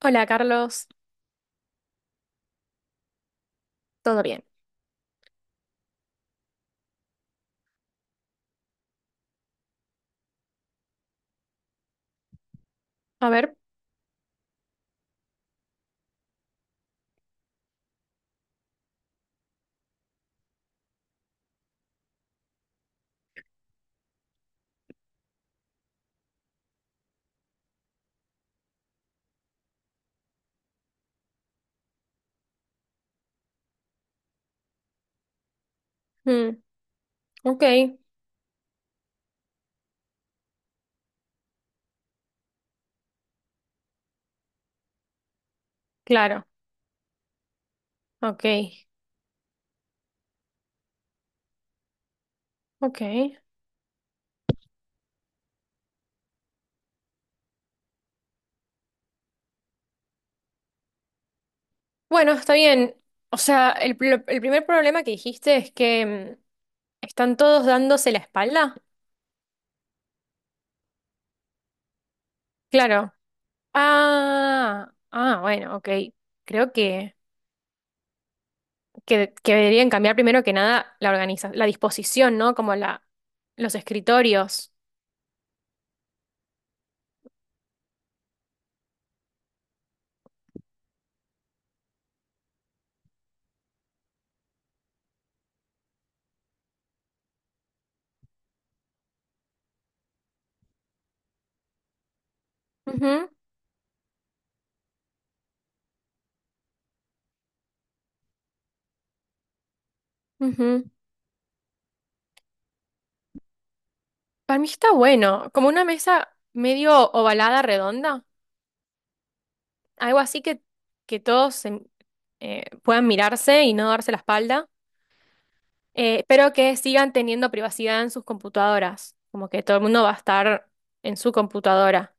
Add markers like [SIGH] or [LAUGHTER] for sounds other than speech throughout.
Hola, Carlos. ¿Todo bien? A ver. Mm, ok, claro. Ok, ok. Bueno, está bien. O sea, el primer problema que dijiste es que están todos dándose la espalda. Claro. Ah, ah, bueno, ok. Creo que deberían cambiar primero que nada la disposición, ¿no? Como los escritorios. Ujú, ujú. Para mí está bueno, como una mesa medio ovalada, redonda. Algo así que todos puedan mirarse y no darse la espalda, pero que sigan teniendo privacidad en sus computadoras, como que todo el mundo va a estar en su computadora.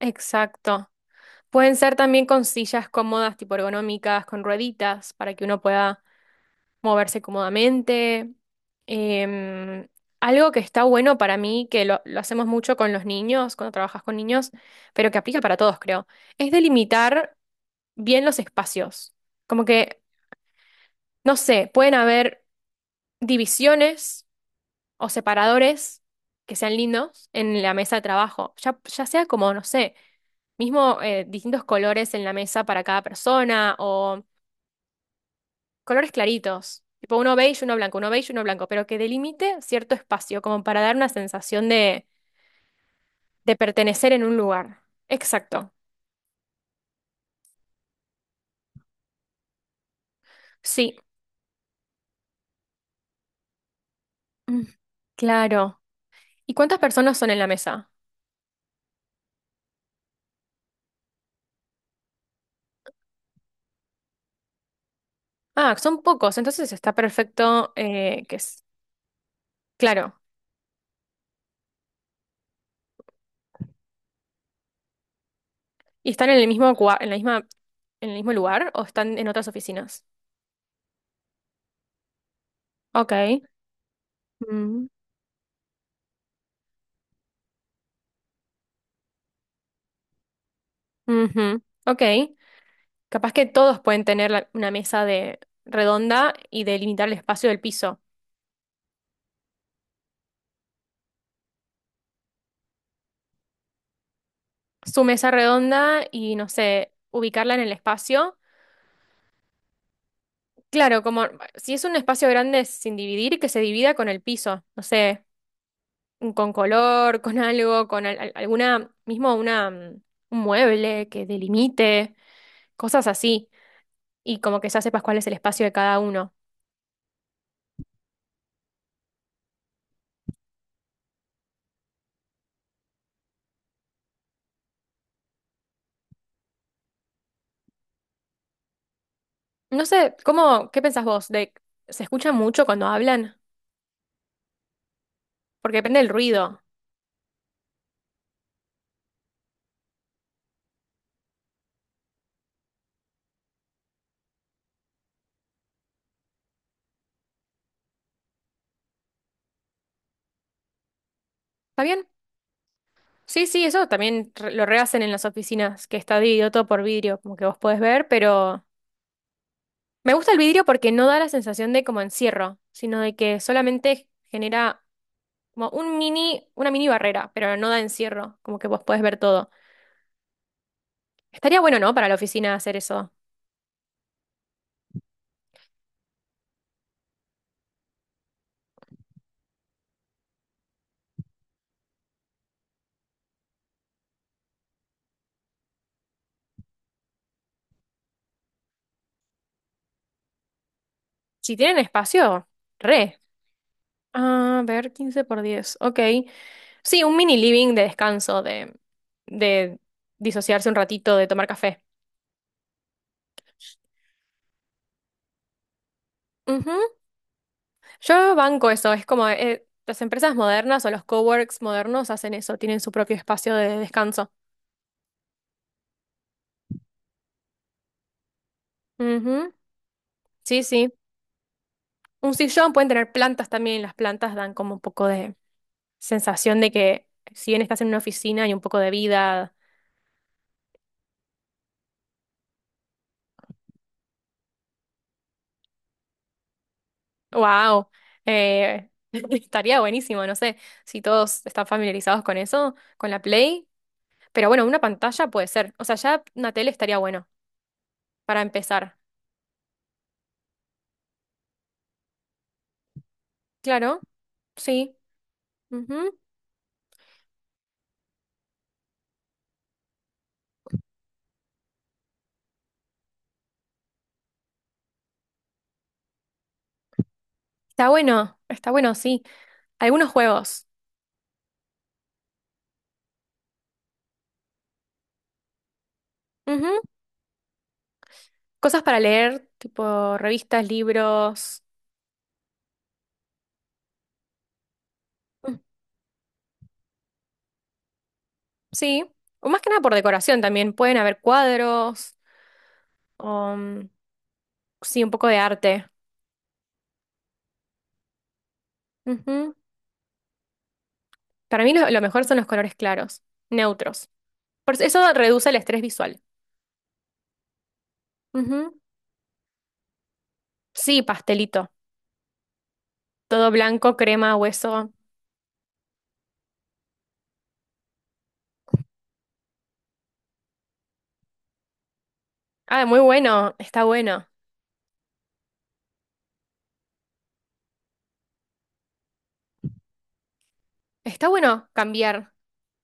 Exacto. Pueden ser también con sillas cómodas, tipo ergonómicas, con rueditas, para que uno pueda moverse cómodamente. Em, Algo que está bueno para mí, que lo hacemos mucho con los niños, cuando trabajas con niños, pero que aplica para todos, creo, es delimitar bien los espacios. Como que, no sé, pueden haber divisiones o separadores que sean lindos en la mesa de trabajo. Ya, ya sea como, no sé, mismo distintos colores en la mesa para cada persona o colores claritos. Tipo uno beige, uno blanco, uno beige, uno blanco, pero que delimite cierto espacio, como para dar una sensación de pertenecer en un lugar. Exacto. Sí. Mm, claro. ¿Y cuántas personas son en la mesa? Ah, son pocos, entonces está perfecto que es, claro. ¿Y están en el mismo lugar o están en otras oficinas? Ok. Mm, ujú, ok. Capaz que todos pueden tener una mesa de redonda y delimitar el espacio del piso. Su mesa redonda y no sé, ubicarla en el espacio. Claro, como si es un espacio grande sin dividir, que se divida con el piso. No sé, con color, con algo, con alguna, mismo una, un mueble que delimite, cosas así, y como que ya sepas cuál es el espacio de cada uno. No sé, ¿qué pensás vos? De, ¿se escucha mucho cuando hablan? Porque depende del ruido. ¿Está bien? Sí, sí, eso también lo rehacen en las oficinas, que está dividido todo por vidrio, como que vos podés ver, pero me gusta el vidrio porque no da la sensación de como encierro, sino de que solamente genera. Como una mini barrera, pero no da encierro, como que vos podés ver todo. Estaría bueno, ¿no? Para la oficina hacer eso. Si tienen espacio, re. A ver, 15 por 10. Ok. Sí, un mini living de descanso, de, disociarse un ratito, de tomar café. Ujú. Yo banco eso, es como las empresas modernas o los coworks modernos hacen eso, tienen su propio espacio de descanso. Ujú. Sí, sí. Un sillón, pueden tener plantas también, las plantas dan como un poco de, sensación de que si bien estás en una oficina hay un poco de vida, wow, [LAUGHS] estaría buenísimo, no sé si todos están familiarizados con eso, con la Play, pero bueno, una pantalla puede ser, o sea, ya una tele estaría bueno para empezar. Claro, sí. Ujú. Está bueno, sí. Algunos juegos. Ujú. Cosas para leer, tipo revistas, libros, mm, sí. O más que nada por decoración también, pueden haber cuadros, o, mm, sí, un poco de arte. Ujú. Para mí lo mejor son los colores claros, neutros. Por eso reduce el estrés visual. Ujú. Sí, pastelito. Todo blanco, crema, hueso. Ah, muy bueno, está bueno. Está bueno cambiar,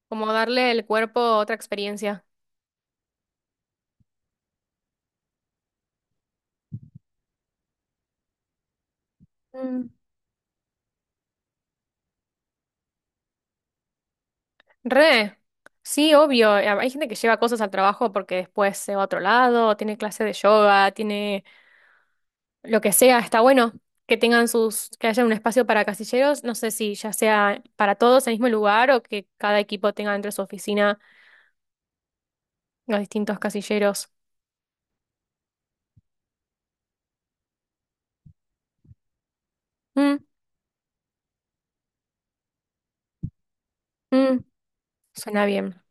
como darle al cuerpo otra experiencia. Mm. Re. Sí, obvio. Hay gente que lleva cosas al trabajo porque después se va a otro lado, tiene clase de yoga, tiene lo que sea, está bueno que tengan que haya un espacio para casilleros, no sé si ya sea para todos en el mismo lugar o que cada equipo tenga dentro de su oficina los distintos casilleros. Mm, mm, suena bien.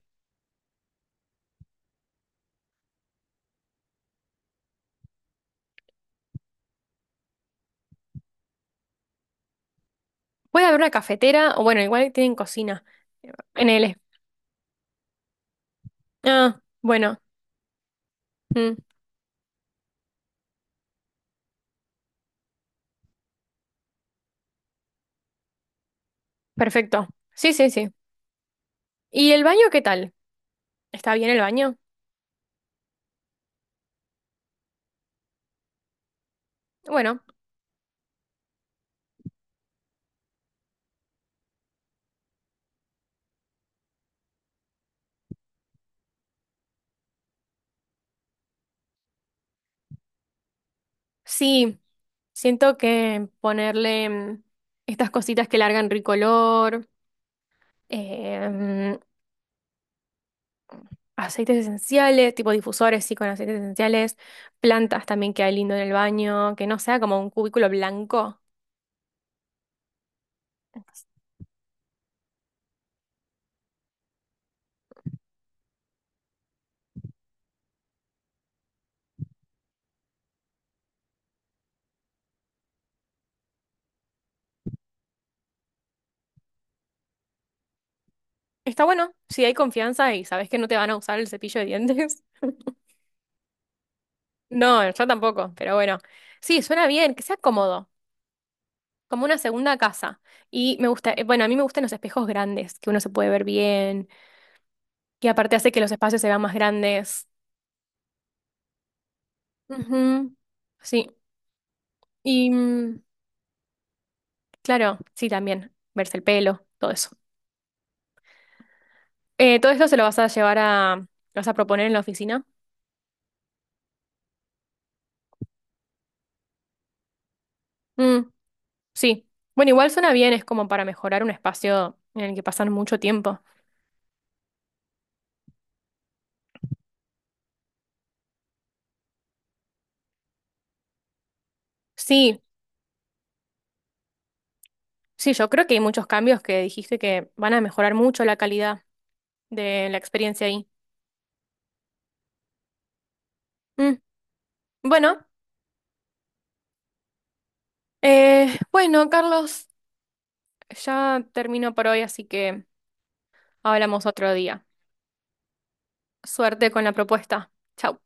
Puede haber una cafetera, o bueno, igual tienen cocina en el. Ah, bueno, mm, perfecto. Sí, sí, sí. ¿Y el baño qué tal? ¿Está bien el baño? Bueno, sí, siento que ponerle estas cositas que largan ricolor. eh, mm, Aceites esenciales, tipo difusores, sí, con aceites esenciales, plantas también que hay lindo en el baño, que no sea como un cubículo blanco. Está bueno, si hay confianza y sabes que no te van a usar el cepillo de dientes. [LAUGHS] No, yo tampoco, pero bueno. Sí, suena bien, que sea cómodo, como una segunda casa. Y bueno, a mí me gustan los espejos grandes, que uno se puede ver bien, que aparte hace que los espacios se vean más grandes. Ujú, sí, y claro, sí, también, verse el pelo, todo eso. ¿Todo esto se lo vas a llevar a, lo vas a proponer en la oficina? Mm, sí. Bueno, igual suena bien, es como para mejorar un espacio en el que pasan mucho tiempo. Sí, sí, yo creo que hay muchos cambios que dijiste que van a mejorar mucho la calidad de la experiencia ahí. Mm, bueno, bueno, Carlos, ya termino por hoy, así que hablamos otro día. Suerte con la propuesta. Chau.